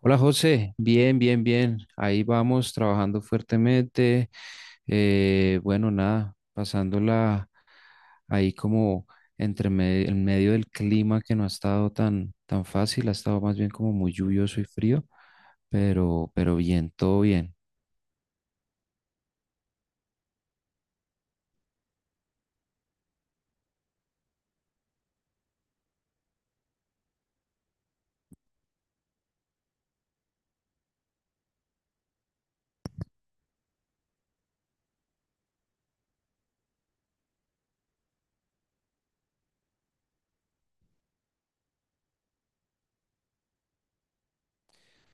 Hola José, bien, bien, bien. Ahí vamos trabajando fuertemente. Bueno, nada, pasándola ahí como en medio del clima que no ha estado tan, tan fácil, ha estado más bien como muy lluvioso y frío, pero bien, todo bien.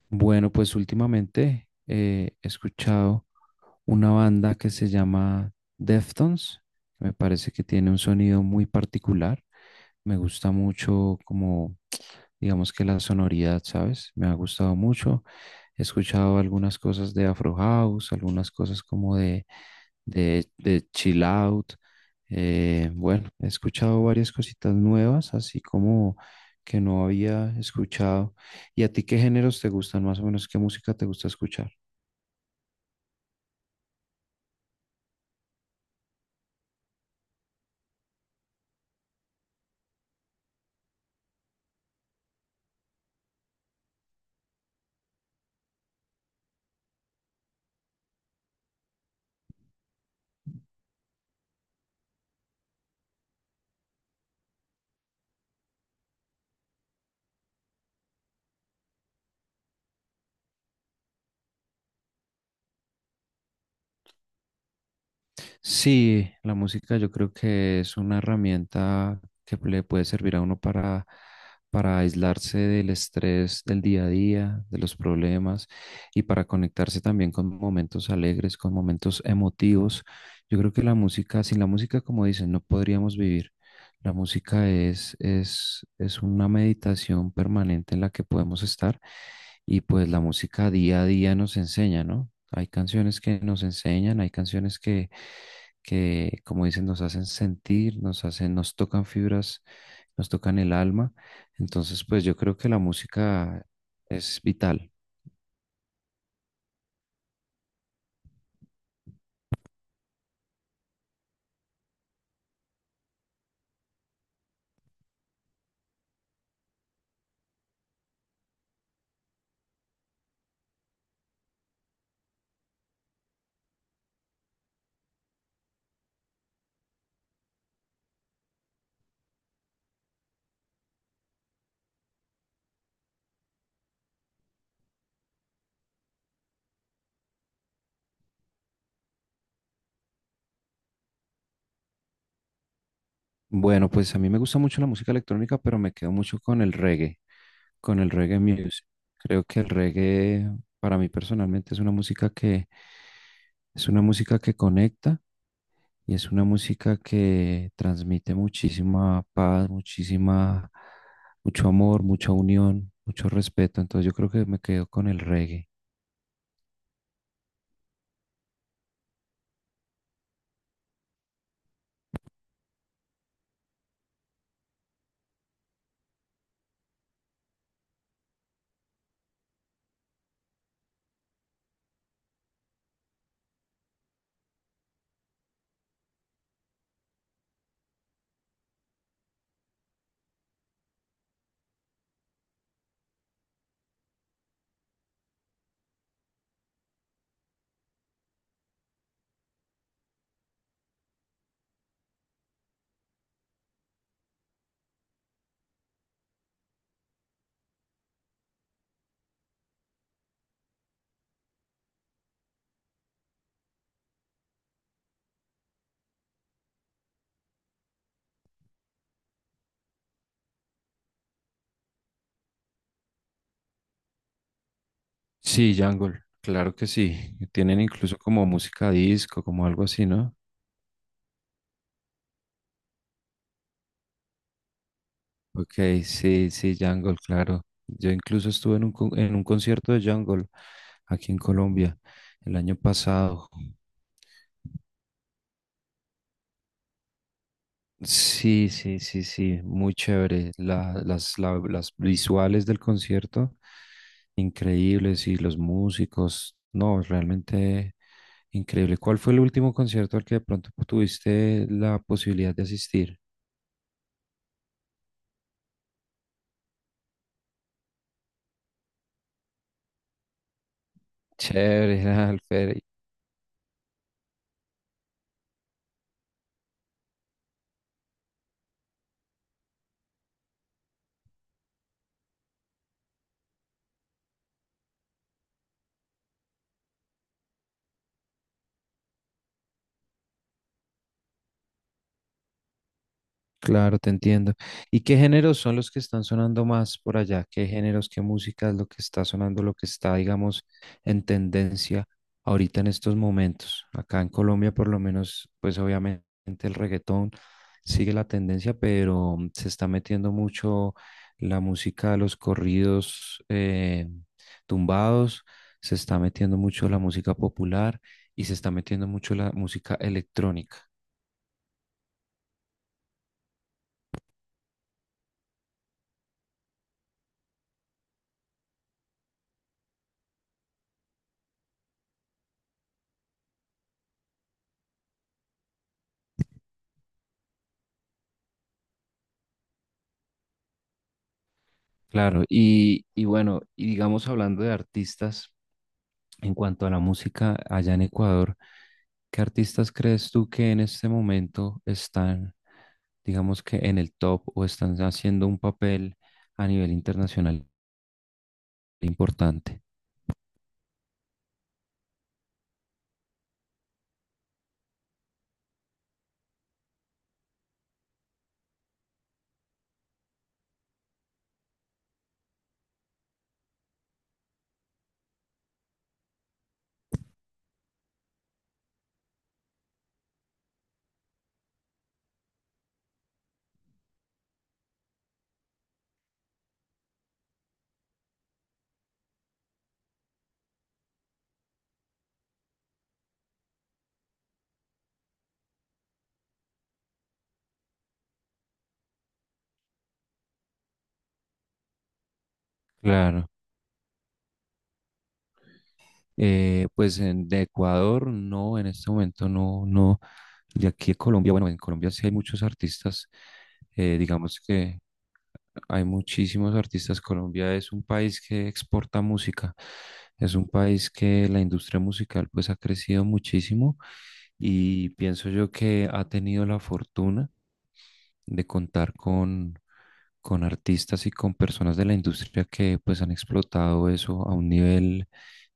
Bueno, pues últimamente he escuchado una banda que se llama Deftones. Me parece que tiene un sonido muy particular. Me gusta mucho como digamos que la sonoridad, ¿sabes? Me ha gustado mucho. He escuchado algunas cosas de Afro House, algunas cosas como de Chill Out. Bueno, he escuchado varias cositas nuevas, así como que no había escuchado. ¿Y a ti qué géneros te gustan más o menos? ¿Qué música te gusta escuchar? Sí, la música yo creo que es una herramienta que le puede servir a uno para aislarse del estrés del día a día, de los problemas y para conectarse también con momentos alegres, con momentos emotivos. Yo creo que la música, sin la música, como dicen, no podríamos vivir. La música es una meditación permanente en la que podemos estar y pues la música día a día nos enseña, ¿no? Hay canciones que nos enseñan, hay canciones que, como dicen, nos hacen sentir, nos hacen, nos tocan fibras, nos tocan el alma. Entonces, pues yo creo que la música es vital. Bueno, pues a mí me gusta mucho la música electrónica, pero me quedo mucho con el reggae music. Creo que el reggae, para mí personalmente, es una música que es una música que conecta. Y es una música que transmite muchísima paz, muchísima, mucho amor, mucha unión, mucho respeto. Entonces yo creo que me quedo con el reggae. Sí, Jungle, claro que sí. Tienen incluso como música disco, como algo así, ¿no? Ok, sí, sí, Jungle, claro. Yo incluso estuve en en un concierto de Jungle aquí en Colombia el año pasado. Sí, sí, sí, sí, muy chévere. Las visuales del concierto, increíbles, y los músicos, no, realmente increíble. ¿Cuál fue el último concierto al que de pronto tuviste la posibilidad de asistir? Chévere, Alfer. Claro, te entiendo. ¿Y qué géneros son los que están sonando más por allá? ¿Qué géneros, qué música es lo que está sonando, lo que está, digamos, en tendencia ahorita en estos momentos? Acá en Colombia, por lo menos, pues obviamente el reggaetón sigue la tendencia, pero mm, se está metiendo mucho la música de los corridos tumbados, se está metiendo mucho la música popular y se está metiendo mucho la música electrónica. Claro, y bueno, y digamos hablando de artistas, en cuanto a la música allá en Ecuador, ¿qué artistas crees tú que en este momento están, digamos que en el top o están haciendo un papel a nivel internacional importante? Claro, pues de Ecuador no, en este momento no, no, de aquí de Colombia, bueno, en Colombia sí hay muchos artistas, digamos que hay muchísimos artistas. Colombia es un país que exporta música, es un país que la industria musical pues ha crecido muchísimo y pienso yo que ha tenido la fortuna de contar con artistas y con personas de la industria que pues han explotado eso a un nivel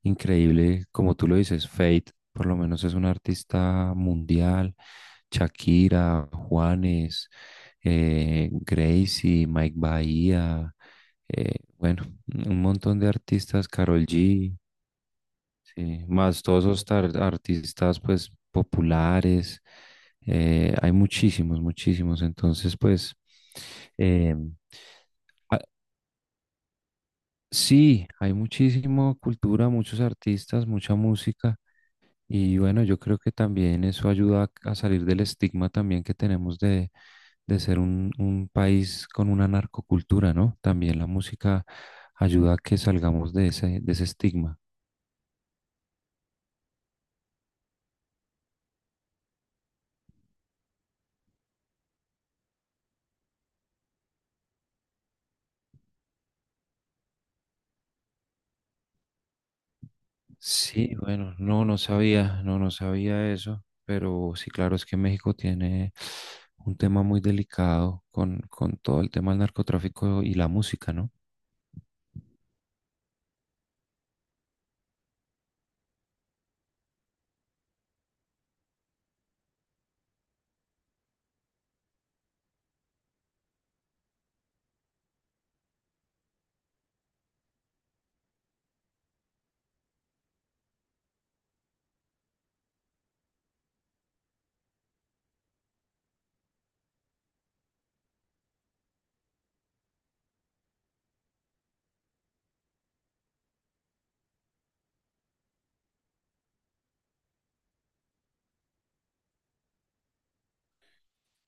increíble, como tú lo dices. Fate por lo menos es un artista mundial, Shakira, Juanes, Gracie, Mike Bahía, eh, bueno, un montón de artistas, Karol G. Sí, más todos esos artistas pues populares, hay muchísimos, muchísimos. Entonces, eh, ah, sí, hay muchísima cultura, muchos artistas, mucha música. Y bueno, yo creo que también eso ayuda a salir del estigma también que tenemos de ser un país con una narcocultura, ¿no? También la música ayuda a que salgamos de ese estigma. Sí, bueno, no, no sabía, no, no sabía eso, pero sí, claro, es que México tiene un tema muy delicado con todo el tema del narcotráfico y la música, ¿no?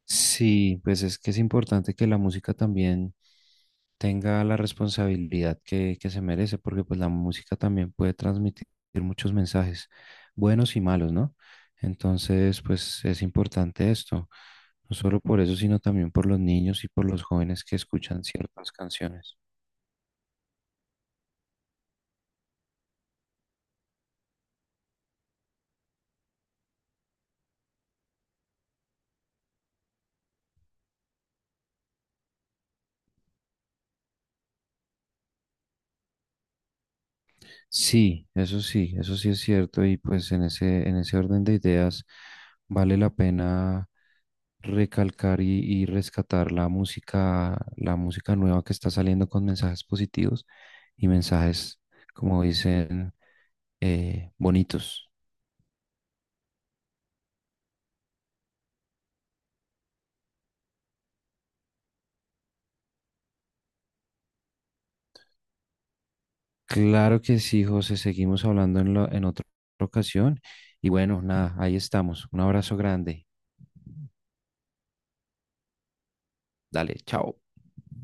Sí, pues es que es importante que la música también tenga la responsabilidad que se merece, porque pues la música también puede transmitir muchos mensajes, buenos y malos, ¿no? Entonces, pues es importante esto, no solo por eso, sino también por los niños y por los jóvenes que escuchan ciertas canciones. Sí, eso sí, eso sí es cierto y pues en ese orden de ideas vale la pena recalcar y rescatar la música nueva que está saliendo con mensajes positivos y mensajes, como dicen, bonitos. Claro que sí, José, seguimos hablando en, en otra ocasión y bueno, nada, ahí estamos. Un abrazo grande. Dale, chao.